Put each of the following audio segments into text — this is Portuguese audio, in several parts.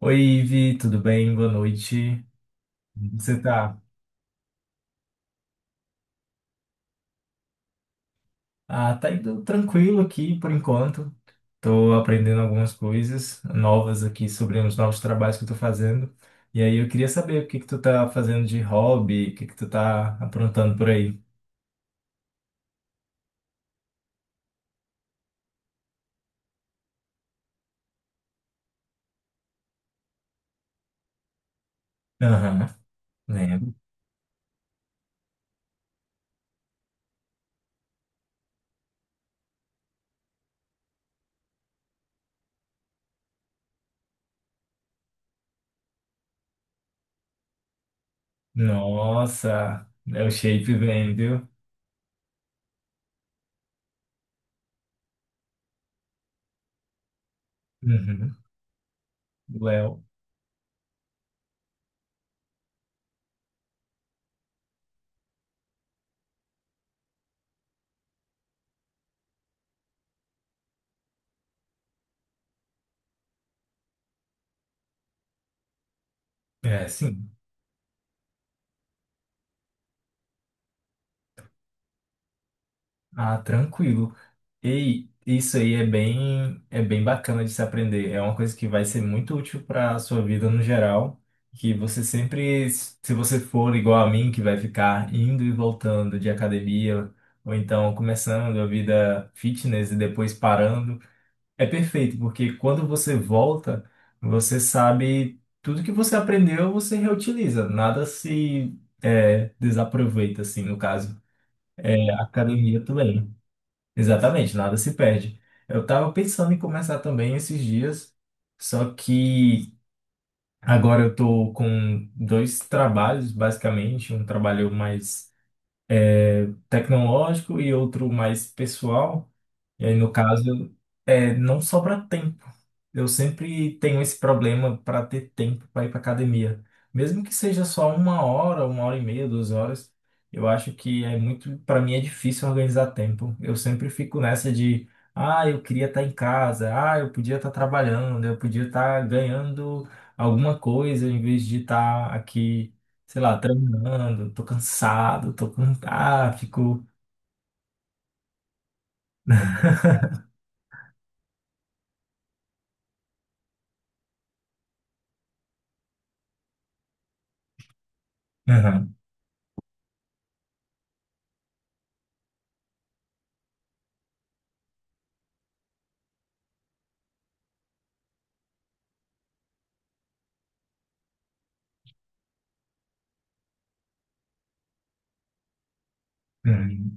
Oi, Ivi, tudo bem? Boa noite. Como você tá? Ah, tá indo tranquilo aqui por enquanto. Tô aprendendo algumas coisas novas aqui sobre os novos trabalhos que eu tô fazendo. E aí eu queria saber o que que tu tá fazendo de hobby, o que que tu tá aprontando por aí. Aham, lembro. Nossa, é o shape vem, viu? Uhum. Léo. É, sim. Ah, tranquilo. E isso aí é bem bacana de se aprender. É uma coisa que vai ser muito útil para a sua vida no geral. Que você sempre, se você for igual a mim, que vai ficar indo e voltando de academia, ou então começando a vida fitness e depois parando, é perfeito, porque quando você volta, você sabe tudo que você aprendeu, você reutiliza. Nada se, é, desaproveita, assim, no caso. É, a academia também. Exatamente, nada se perde. Eu tava pensando em começar também esses dias, só que agora eu tô com dois trabalhos, basicamente, um trabalho mais tecnológico e outro mais pessoal. E aí, no caso, é, não sobra tempo. Eu sempre tenho esse problema para ter tempo para ir para academia. Mesmo que seja só uma hora e meia, duas horas, eu acho que é muito, para mim é difícil organizar tempo. Eu sempre fico nessa de, ah, eu queria estar em casa, ah, eu podia estar trabalhando, eu podia estar ganhando alguma coisa em vez de estar aqui, sei lá, treinando, tô cansado, tô com, ah, fico, aham. Uhum."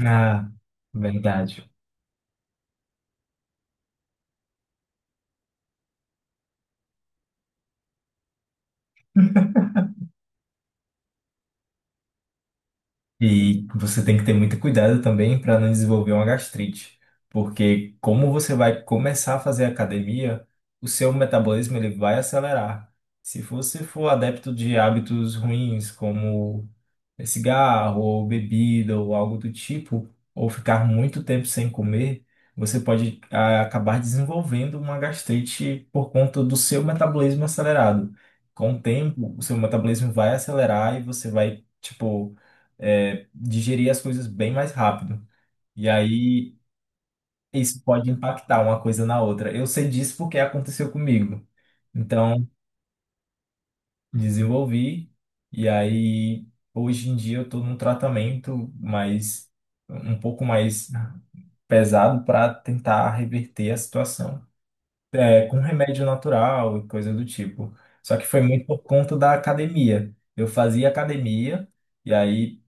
Ah, verdade. E você tem que ter muito cuidado também para não desenvolver uma gastrite, porque como você vai começar a fazer academia, o seu metabolismo ele vai acelerar. Se você for adepto de hábitos ruins, como cigarro ou bebida ou algo do tipo, ou ficar muito tempo sem comer, você pode acabar desenvolvendo uma gastrite por conta do seu metabolismo acelerado. Com o tempo, o seu metabolismo vai acelerar e você vai, tipo, digerir as coisas bem mais rápido. E aí, isso pode impactar uma coisa na outra. Eu sei disso porque aconteceu comigo. Então, desenvolvi. E aí, hoje em dia, eu estou num tratamento mais, um pouco mais pesado para tentar reverter a situação. É, com remédio natural e coisa do tipo. Só que foi muito por conta da academia. Eu fazia academia, e aí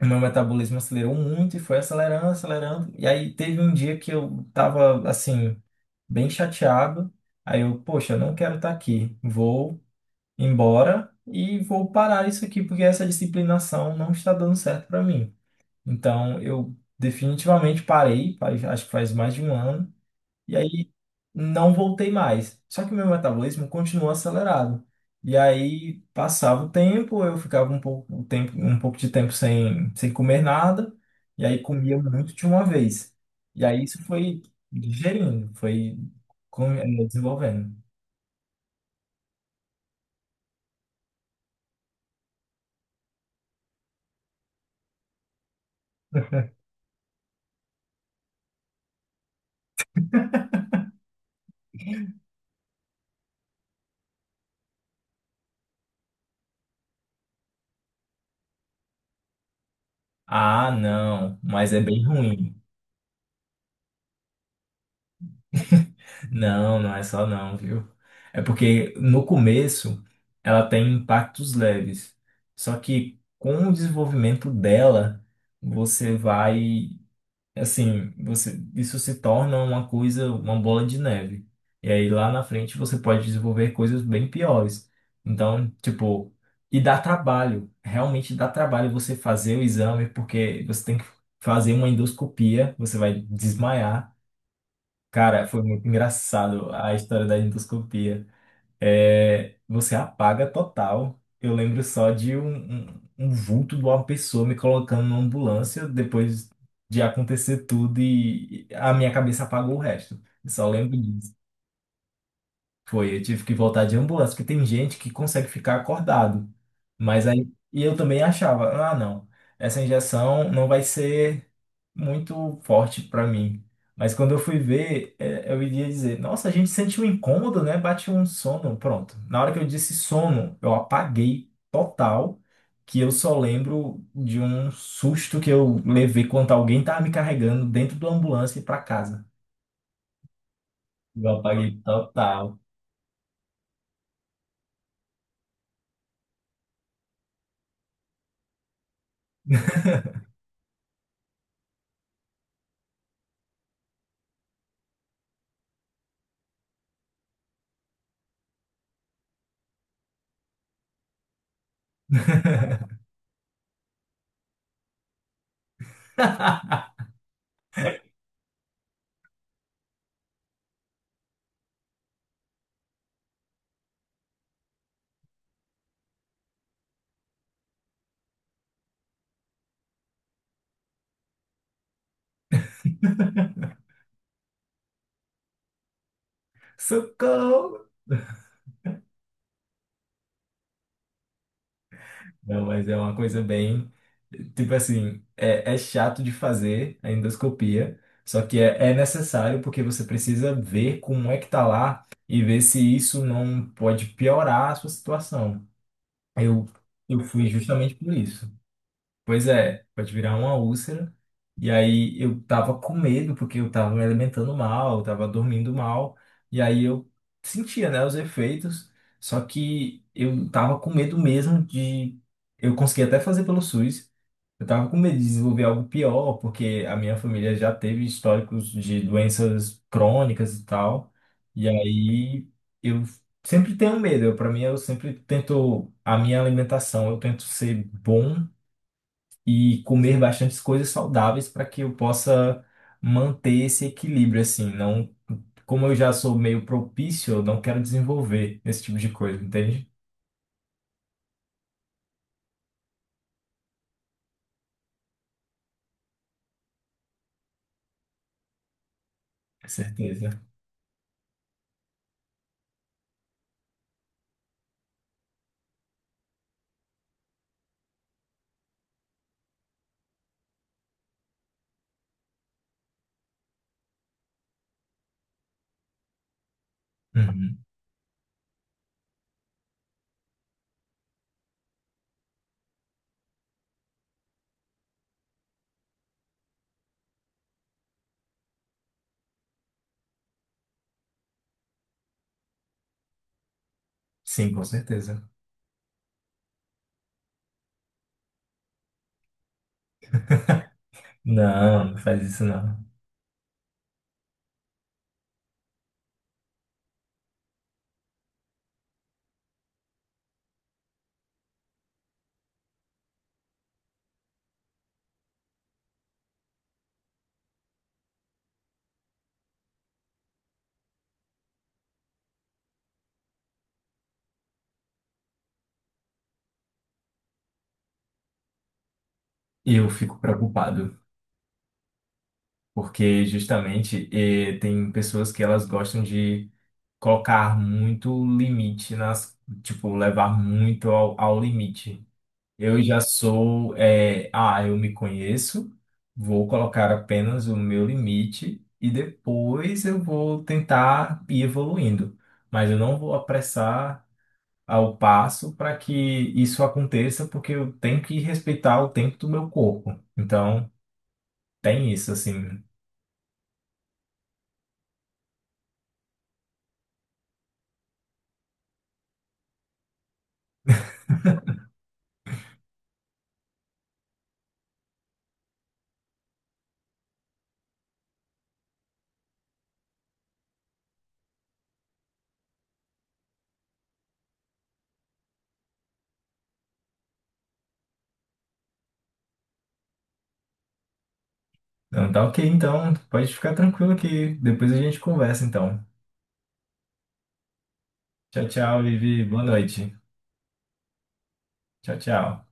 o meu metabolismo acelerou muito e foi acelerando, acelerando. E aí teve um dia que eu tava, assim, bem chateado. Aí eu, poxa, eu não quero estar aqui. Vou embora e vou parar isso aqui porque essa disciplinação não está dando certo para mim. Então eu definitivamente parei, acho que faz mais de um ano, e aí não voltei mais. Só que o meu metabolismo continuou acelerado. E aí passava o tempo, eu ficava um pouco, um tempo, um pouco de tempo sem, sem comer nada, e aí comia muito de uma vez. E aí isso foi digerindo, foi desenvolvendo. Ah, não, mas é bem ruim. Não, não é só não, viu? É porque no começo ela tem impactos leves. Só que com o desenvolvimento dela, você vai, assim, você isso se torna uma coisa, uma bola de neve. E aí lá na frente você pode desenvolver coisas bem piores. Então, tipo, e dá trabalho, realmente dá trabalho você fazer o exame, porque você tem que fazer uma endoscopia, você vai desmaiar. Cara, foi muito engraçado a história da endoscopia. É, você apaga total. Eu lembro só de um vulto de uma pessoa me colocando na ambulância depois de acontecer tudo e a minha cabeça apagou o resto. Eu só lembro disso. Foi, eu tive que voltar de ambulância, porque tem gente que consegue ficar acordado. Mas aí, e eu também achava, ah, não, essa injeção não vai ser muito forte para mim. Mas quando eu fui ver, é, eu iria dizer, nossa, a gente sente um incômodo, né? Bate um sono, pronto. Na hora que eu disse sono, eu apaguei total, que eu só lembro de um susto que eu levei quando alguém tava me carregando dentro da ambulância para casa. Eu apaguei total. Socorro! Não, mas é uma coisa bem. Tipo assim, é, é chato de fazer a endoscopia, só que é, é necessário porque você precisa ver como é que tá lá e ver se isso não pode piorar a sua situação. Eu, eu fui justamente por isso. Pois é, pode virar uma úlcera. E aí eu tava com medo, porque eu tava me alimentando mal, eu tava dormindo mal. E aí eu sentia, né, os efeitos. Só que eu tava com medo mesmo de. Eu consegui até fazer pelo SUS. Eu tava com medo de desenvolver algo pior, porque a minha família já teve históricos de doenças crônicas e tal. E aí eu sempre tenho medo. Eu, para mim, eu sempre tento. A minha alimentação, eu tento ser bom e comer bastante coisas saudáveis para que eu possa manter esse equilíbrio, assim. Não, como eu já sou meio propício, eu não quero desenvolver esse tipo de coisa, entende? Com certeza. Uhum. Sim, com certeza. Não, não faz isso não. Eu fico preocupado, porque justamente tem pessoas que elas gostam de colocar muito limite nas, tipo, levar muito ao limite. Eu já sou, é, ah, eu me conheço, vou colocar apenas o meu limite e depois eu vou tentar ir evoluindo. Mas eu não vou apressar ao passo para que isso aconteça, porque eu tenho que respeitar o tempo do meu corpo. Então, tem isso, assim. Não, tá ok, então, pode ficar tranquilo que depois a gente conversa, então. Tchau, tchau, Vivi. Boa noite. Tchau, tchau.